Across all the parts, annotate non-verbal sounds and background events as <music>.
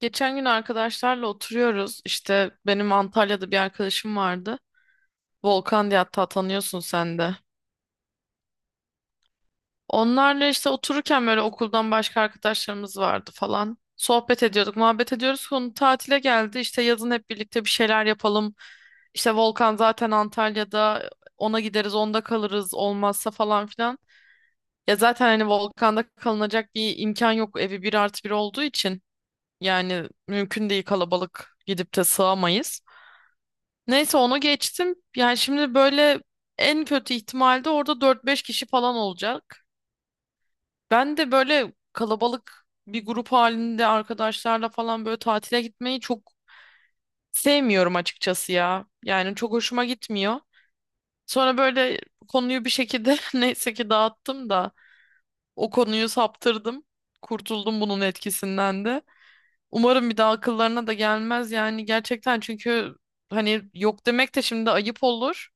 Geçen gün arkadaşlarla oturuyoruz. İşte benim Antalya'da bir arkadaşım vardı. Volkan diye hatta tanıyorsun sen de. Onlarla işte otururken böyle okuldan başka arkadaşlarımız vardı falan. Sohbet ediyorduk, muhabbet ediyoruz. Konu tatile geldi. İşte yazın hep birlikte bir şeyler yapalım. İşte Volkan zaten Antalya'da. Ona gideriz, onda kalırız olmazsa falan filan. Ya zaten hani Volkan'da kalınacak bir imkan yok. Evi 1+1 olduğu için. Yani mümkün değil kalabalık gidip de sığamayız. Neyse onu geçtim. Yani şimdi böyle en kötü ihtimalde orada dört beş kişi falan olacak. Ben de böyle kalabalık bir grup halinde arkadaşlarla falan böyle tatile gitmeyi çok sevmiyorum açıkçası ya. Yani çok hoşuma gitmiyor. Sonra böyle konuyu bir şekilde <laughs> neyse ki dağıttım da o konuyu saptırdım. Kurtuldum bunun etkisinden de. Umarım bir daha akıllarına da gelmez yani gerçekten çünkü hani yok demek de şimdi ayıp olur.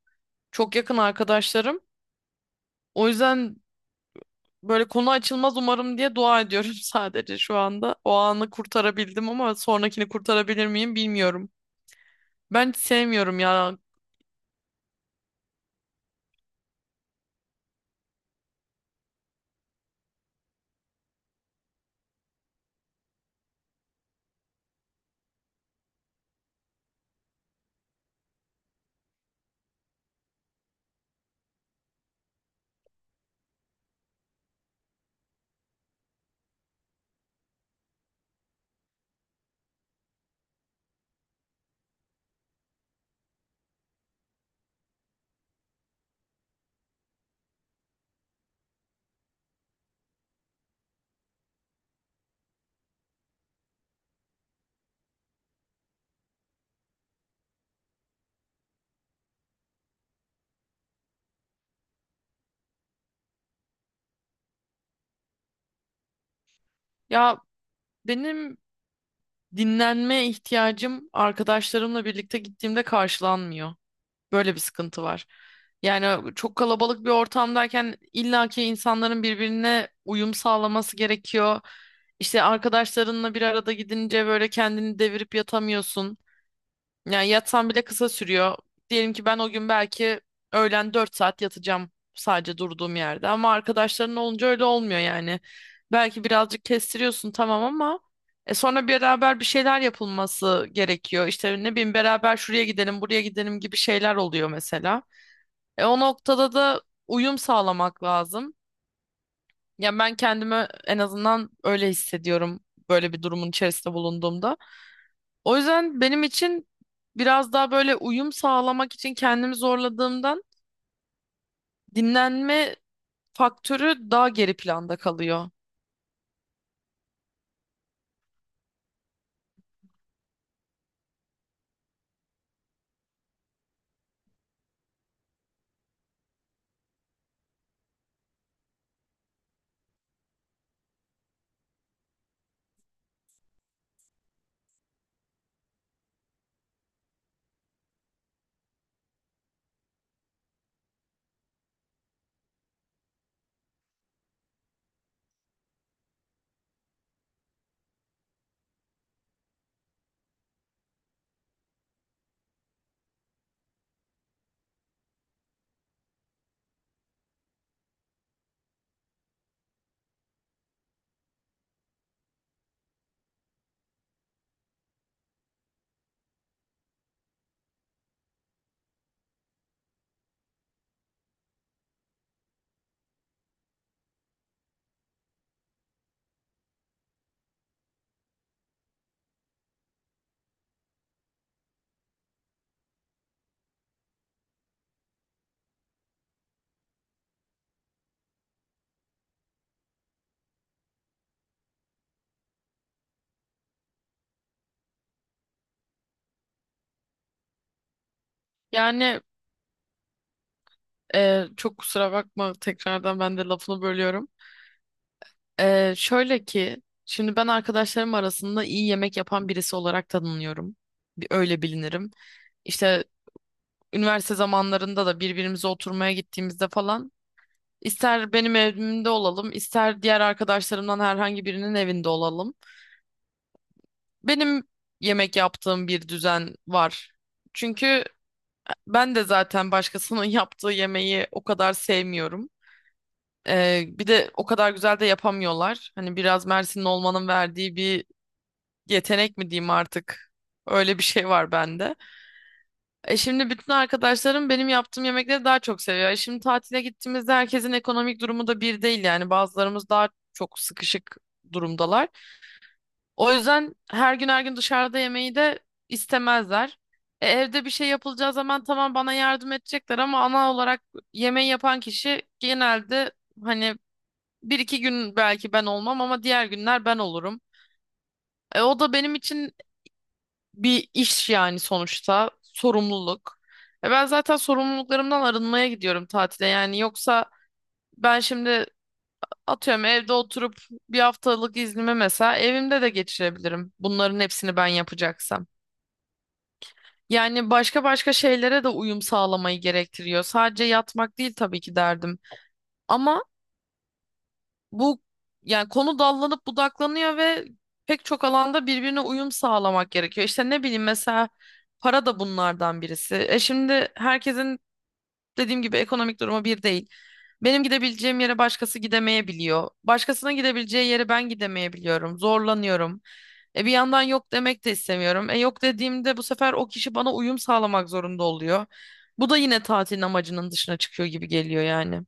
Çok yakın arkadaşlarım. O yüzden böyle konu açılmaz umarım diye dua ediyorum <laughs> sadece şu anda. O anı kurtarabildim ama sonrakini kurtarabilir miyim bilmiyorum. Ben hiç sevmiyorum ya. Ya benim dinlenme ihtiyacım arkadaşlarımla birlikte gittiğimde karşılanmıyor. Böyle bir sıkıntı var. Yani çok kalabalık bir ortamdayken illaki insanların birbirine uyum sağlaması gerekiyor. İşte arkadaşlarınla bir arada gidince böyle kendini devirip yatamıyorsun. Yani yatsam bile kısa sürüyor. Diyelim ki ben o gün belki öğlen 4 saat yatacağım sadece durduğum yerde. Ama arkadaşların olunca öyle olmuyor yani. Belki birazcık kestiriyorsun tamam ama sonra beraber bir şeyler yapılması gerekiyor. İşte ne bileyim beraber şuraya gidelim, buraya gidelim gibi şeyler oluyor mesela. E o noktada da uyum sağlamak lazım. Ya ben kendimi en azından öyle hissediyorum böyle bir durumun içerisinde bulunduğumda. O yüzden benim için biraz daha böyle uyum sağlamak için kendimi zorladığımdan dinlenme faktörü daha geri planda kalıyor. Yani çok kusura bakma tekrardan ben de lafını bölüyorum. E, şöyle ki şimdi ben arkadaşlarım arasında iyi yemek yapan birisi olarak tanınıyorum. Öyle bilinirim. İşte üniversite zamanlarında da birbirimize oturmaya gittiğimizde falan ister benim evimde olalım, ister diğer arkadaşlarımdan herhangi birinin evinde olalım. Benim yemek yaptığım bir düzen var. Çünkü ben de zaten başkasının <laughs> yaptığı yemeği o kadar sevmiyorum. Bir de o kadar güzel de yapamıyorlar. Hani biraz Mersinli olmanın verdiği bir yetenek mi diyeyim artık. Öyle bir şey var bende. E şimdi bütün arkadaşlarım benim yaptığım yemekleri daha çok seviyor. E şimdi tatile gittiğimizde herkesin ekonomik durumu da bir değil yani. Bazılarımız daha çok sıkışık durumdalar. O yüzden her gün her gün dışarıda yemeği de istemezler. E evde bir şey yapılacağı zaman tamam bana yardım edecekler ama ana olarak yemeği yapan kişi genelde hani bir iki gün belki ben olmam ama diğer günler ben olurum. E o da benim için bir iş yani sonuçta sorumluluk. E ben zaten sorumluluklarımdan arınmaya gidiyorum tatile yani yoksa ben şimdi atıyorum evde oturup bir haftalık iznimi mesela evimde de geçirebilirim. Bunların hepsini ben yapacaksam. Yani başka başka şeylere de uyum sağlamayı gerektiriyor. Sadece yatmak değil tabii ki derdim. Ama bu yani konu dallanıp budaklanıyor ve pek çok alanda birbirine uyum sağlamak gerekiyor. İşte ne bileyim mesela para da bunlardan birisi. E şimdi herkesin dediğim gibi ekonomik durumu bir değil. Benim gidebileceğim yere başkası gidemeyebiliyor. Başkasına gidebileceği yere ben gidemeyebiliyorum. Zorlanıyorum. E bir yandan yok demek de istemiyorum. E yok dediğimde bu sefer o kişi bana uyum sağlamak zorunda oluyor. Bu da yine tatilin amacının dışına çıkıyor gibi geliyor yani.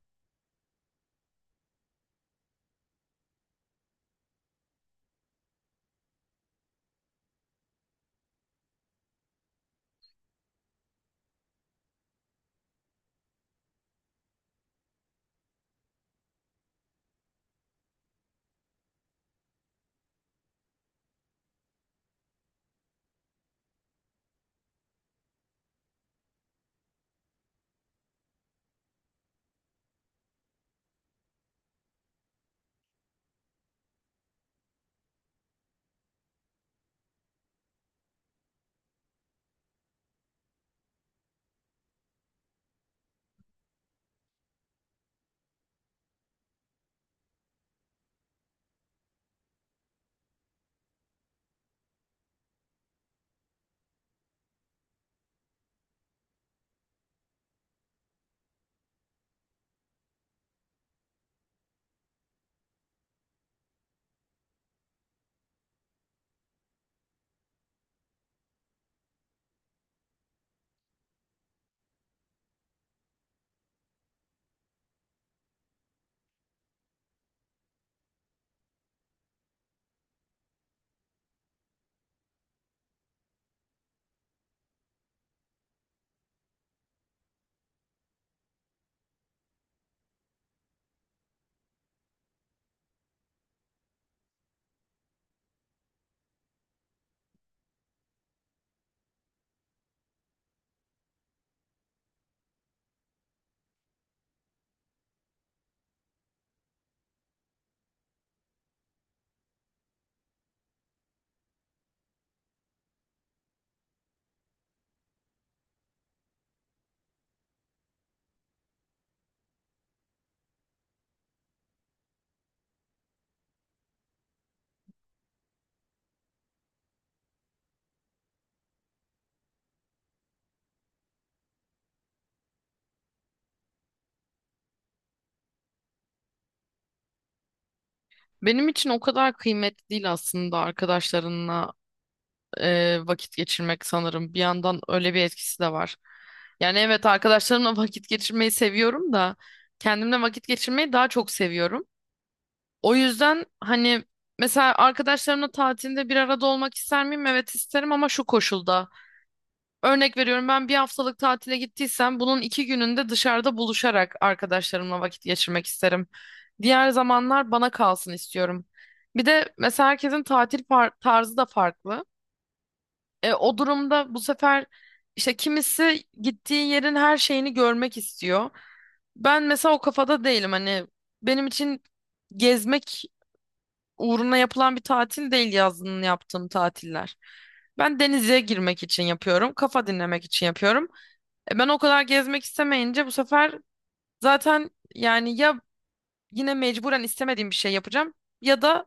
Benim için o kadar kıymetli değil aslında arkadaşlarınla vakit geçirmek sanırım. Bir yandan öyle bir etkisi de var. Yani evet arkadaşlarımla <laughs> vakit geçirmeyi seviyorum da kendimle vakit geçirmeyi daha çok seviyorum. O yüzden hani mesela arkadaşlarımla tatilde bir arada olmak ister miyim? Evet isterim ama şu koşulda. Örnek veriyorum ben bir haftalık tatile gittiysem bunun 2 gününde dışarıda buluşarak arkadaşlarımla vakit geçirmek isterim. Diğer zamanlar bana kalsın istiyorum. Bir de mesela herkesin tatil tarzı da farklı. E, o durumda bu sefer işte kimisi gittiği yerin her şeyini görmek istiyor. Ben mesela o kafada değilim hani benim için gezmek uğruna yapılan bir tatil değil yazın yaptığım tatiller. Ben denize girmek için yapıyorum, kafa dinlemek için yapıyorum. E, ben o kadar gezmek istemeyince bu sefer zaten yani ya yine mecburen istemediğim bir şey yapacağım ya da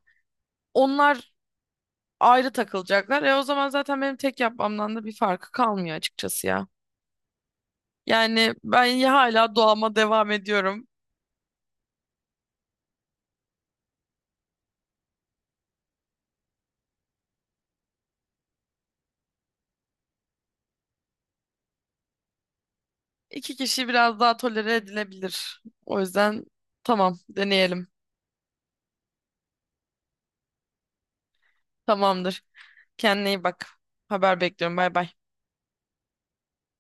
onlar ayrı takılacaklar. E o zaman zaten benim tek yapmamdan da bir farkı kalmıyor açıkçası ya. Yani ben ya hala doğama devam ediyorum. İki kişi biraz daha tolere edilebilir. O yüzden tamam deneyelim. Tamamdır. Kendine iyi bak. Haber bekliyorum. Bay bay.